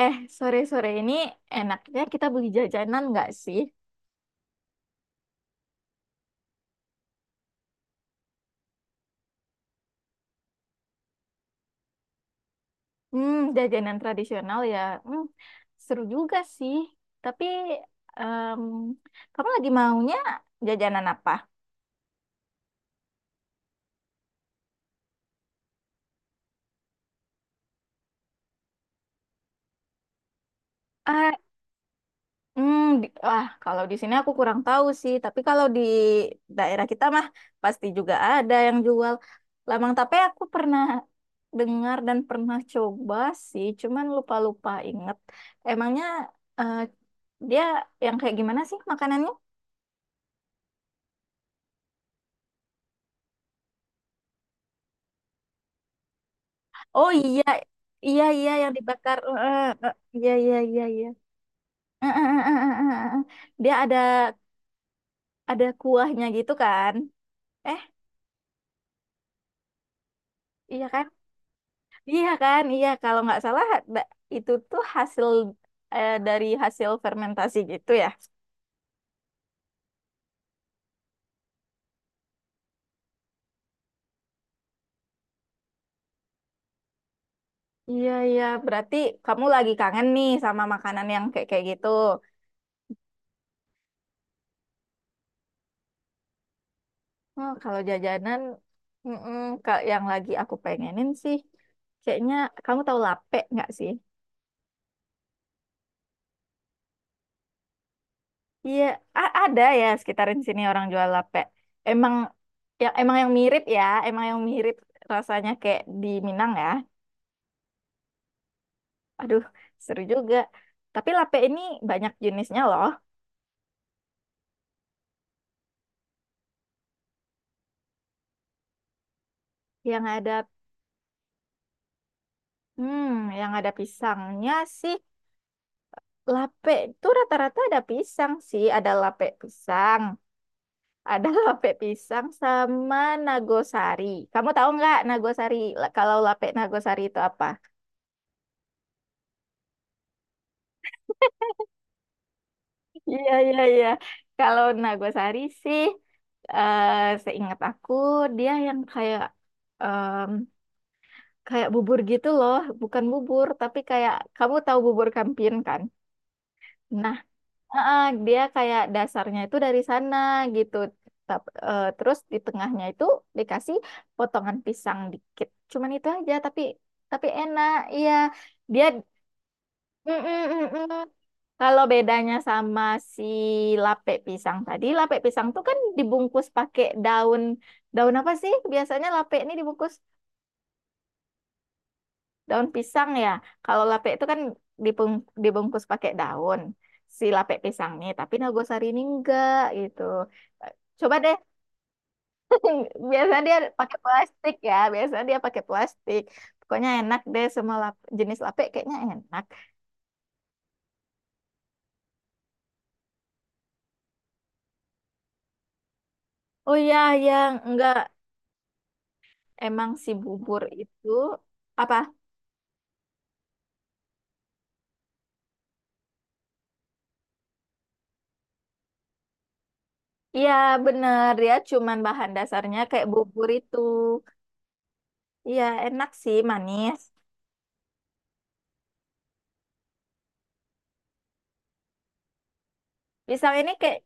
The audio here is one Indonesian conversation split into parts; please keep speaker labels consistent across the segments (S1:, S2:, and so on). S1: Eh, sore-sore ini enaknya kita beli jajanan nggak sih? Jajanan tradisional ya. Hmm, Seru juga sih. Tapi, em, kamu lagi maunya jajanan apa? Ah, wah, kalau di sini aku kurang tahu sih. Tapi kalau di daerah kita mah pasti juga ada yang jual. Lamang tape aku pernah dengar dan pernah coba sih. Cuman lupa-lupa inget. Emangnya eh, dia yang kayak gimana sih makanannya? Oh iya, iya iya yang dibakar. Heeh, heeh. Iya iya iya iya. Heeh, heeh, heeh, heeh, heeh. Dia ada kuahnya gitu kan? Eh, iya kan? Iya kan? Iya kalau nggak salah da- itu tuh dari hasil fermentasi gitu ya. Iya iya, berarti kamu lagi kangen nih sama makanan yang kayak kayak gitu. Oh, kalau jajanan mm yang lagi aku pengenin sih kayaknya kamu tahu lape nggak sih? Iya, ada ya sekitarin sini orang jual lape. Emang emang yang mirip ya, emang yang mirip rasanya kayak di Minang ya. Aduh, seru juga. Tapi lape ini banyak jenisnya loh. Yang ada hmm, yang ada pisangnya sih. Lape itu rata-rata ada pisang sih, ada lape pisang, ada lape pisang sama nagosari. Kamu tahu nggak nagosari? Kalau lape nagosari itu apa? Iya, iya, iya. Kalau Nagosari sih, eh seingat aku, dia yang em, kayak bubur gitu loh. Bukan bubur, tapi kayak kamu tahu bubur kampin kan? Nah, dia kayak dasarnya itu dari sana gitu. Terus di tengahnya itu dikasih potongan pisang dikit. Cuman itu aja, tapi enak. Iya, dia. Mm-mm, mm-mm. Kalau bedanya sama si lapek pisang tadi, lapek pisang tuh kan dibungkus pakai daun, daun apa sih? Biasanya lapek ini dibungkus daun pisang ya. Kalau lapek itu kan dibungkus pakai daun si lapek pisang nih, tapi nagosari ini enggak gitu. Coba deh, biasanya dia pakai plastik ya, biasanya dia pakai plastik. Pokoknya enak deh semua jenis lapek kayaknya enak. Oh iya, yang enggak. Emang si bubur itu apa? Iya bener ya, cuman bahan dasarnya kayak bubur itu. Iya enak sih, manis. Pisang ini kayak,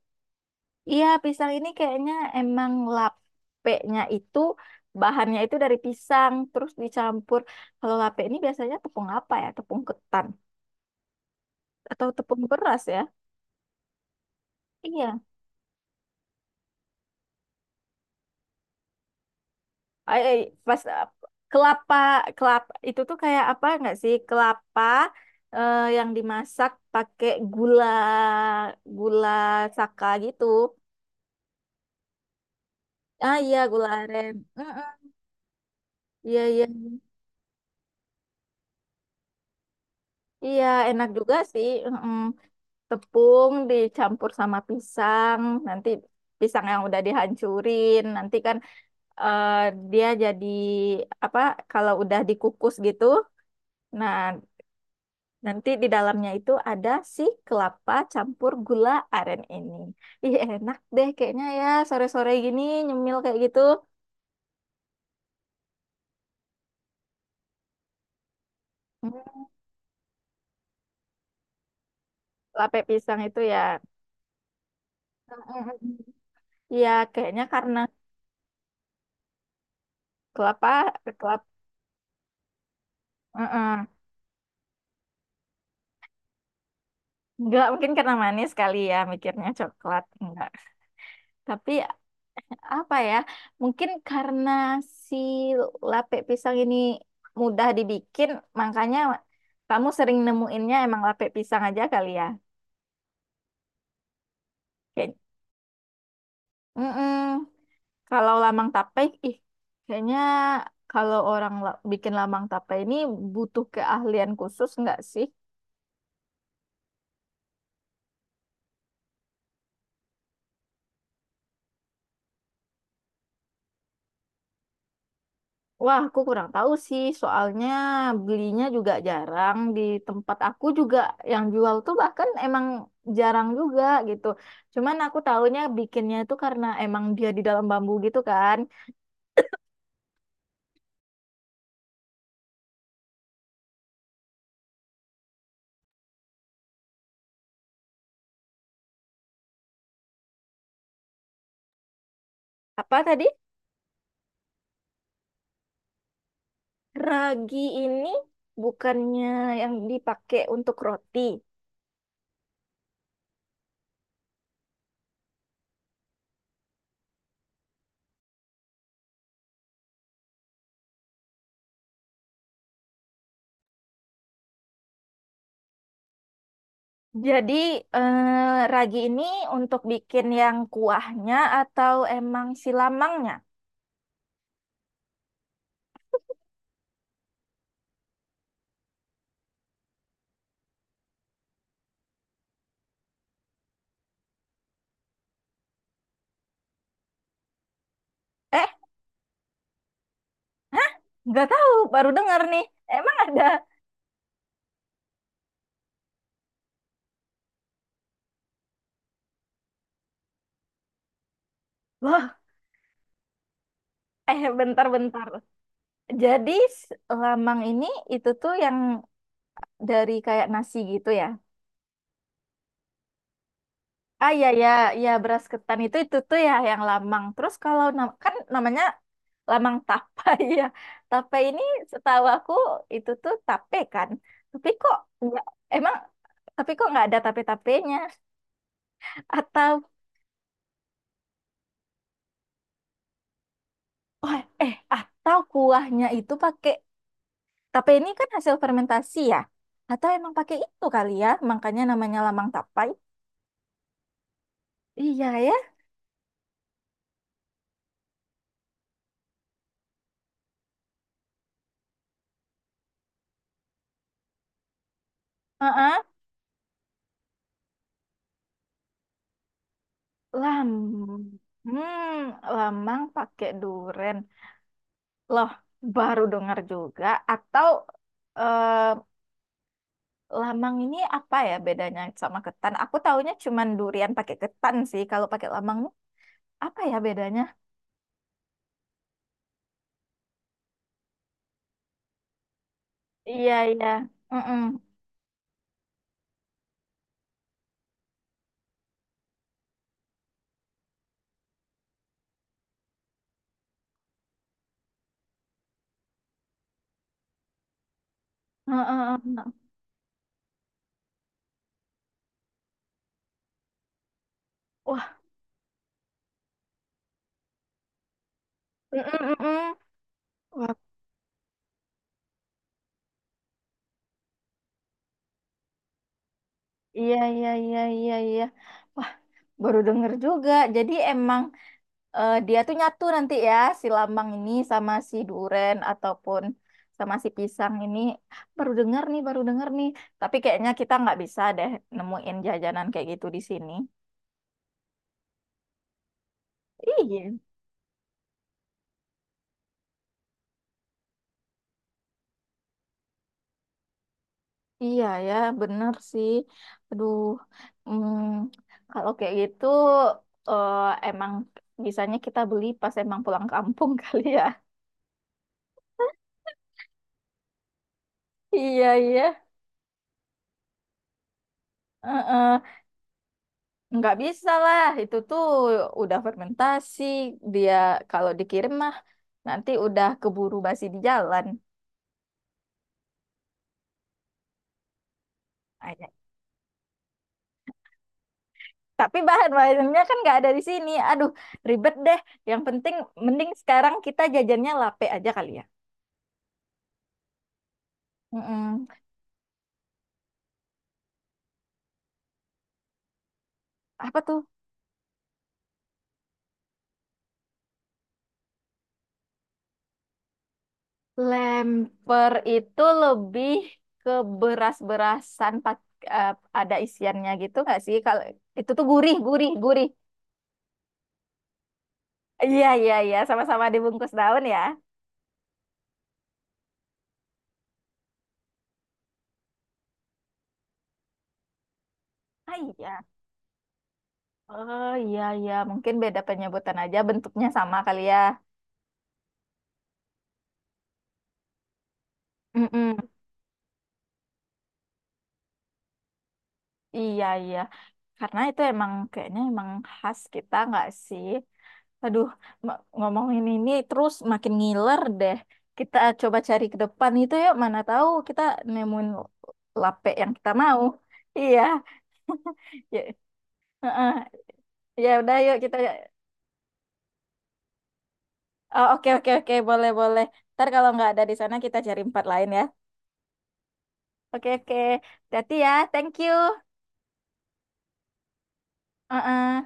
S1: iya, pisang ini kayaknya emang lapeknya itu bahannya itu dari pisang terus dicampur. Kalau lapek ini biasanya tepung apa ya? Tepung ketan atau tepung beras ya? Iya. eh, eh, Pas kelapa kelapa itu tuh kayak apa nggak sih, kelapa, yang dimasak pakai gula gula saka gitu. Ah iya, gula aren. Mm-mm. Iya iya iya, enak juga sih. Mm-mm. Tepung dicampur sama pisang, nanti pisang yang udah dihancurin nanti kan eh, dia jadi apa kalau udah dikukus gitu. Nah, nanti di dalamnya itu ada si kelapa campur gula aren ini. Ih, enak deh kayaknya ya sore-sore gini nyemil kayak gitu. Hmm, Kelapa pisang itu ya. Iya, kayaknya karena kelapa, kelapa. Heeh. Enggak, mungkin karena manis kali ya mikirnya coklat. Enggak. Tapi apa ya? Mungkin karena si lape pisang ini mudah dibikin, makanya kamu sering nemuinnya emang lape pisang aja kali ya. Kayak. Mm-mm. Kalau lamang tape, ih, kayaknya kalau orang bikin lamang tape ini butuh keahlian khusus nggak sih? Wah, aku kurang tahu sih, soalnya belinya juga jarang. Di tempat aku juga yang jual tuh bahkan emang jarang juga gitu. Cuman aku tahunya bikinnya itu karena emang dia di dalam bambu gitu kan. Apa tadi? Ragi ini bukannya yang dipakai untuk roti. Jadi ragi ini untuk bikin yang kuahnya atau emang silamangnya? Eh, nggak tahu, baru dengar nih. Emang ada? Loh, eh, bentar-bentar. Jadi s- lamang ini itu tuh yang dari kayak nasi gitu ya? Ah ya ya ya, beras ketan itu tuh ya yang lamang. Terus kalau kan namanya lamang tapai ya. Tapai ini setahu aku itu tuh tape kan. Tapi kok nggak- Emang tapi kok nggak ada tape-tapenya? Atau oh, eh atau kuahnya itu pakai tape ini kan hasil fermentasi ya? Atau emang pakai itu kali ya? Makanya namanya lamang tapai. Iya ya. Heeh, lam. Lamang pakai duren. Loh, baru dengar juga. Atau eh, lamang ini apa ya bedanya sama ketan? Aku taunya cuman durian pakai ketan sih. Kalau pakai lamang nih, apa ya bedanya? Iya, iya. Mm-mm. Heeh, heeh, heeh. Wah, mm-mm, mm-mm. Wah, iya, iya, iya, iya, iya. Wah, baru denger juga. Jadi emang dia tuh nyatu nanti ya, si lambang ini sama si duren ataupun sama si pisang ini. Baru denger nih, baru denger nih. Tapi kayaknya kita nggak bisa deh nemuin jajanan kayak gitu di sini. Iya. Iya ya, bener sih. Aduh, hmm, kalau kayak gitu eh, emang bisanya kita beli pas emang pulang kampung kali ya. Iya, iya. Heeh. Nggak bisa lah, itu tuh udah fermentasi. Dia kalau dikirim mah nanti udah keburu basi di jalan. Ayah. Tapi bahan bahannya kan nggak ada di sini. Aduh, ribet deh. Yang penting, mending sekarang kita jajannya lape aja kali ya. Mm-mm. Apa tuh? Lemper itu lebih ke beras-berasan eh, ada isiannya gitu nggak sih? Kalau itu tuh gurih, gurih, gurih. Iya, iya, iya. Sama-sama dibungkus daun ya. Ah, iya. Oh iya iya, mungkin beda penyebutan aja bentuknya sama kali ya. Mm-mm. Iya iya karena itu emang kayaknya emang khas kita nggak sih? Aduh, ngomongin ini terus makin ngiler deh. Kita coba cari ke depan itu yuk, mana tahu kita nemuin lape yang kita mau. Iya. Ya, heeh. Ya udah yuk kita. Oh, oke oke oke, boleh boleh. Ntar kalau nggak ada di sana kita cari empat lain ya. Oke oke. Hati ya. Thank you. Heeh.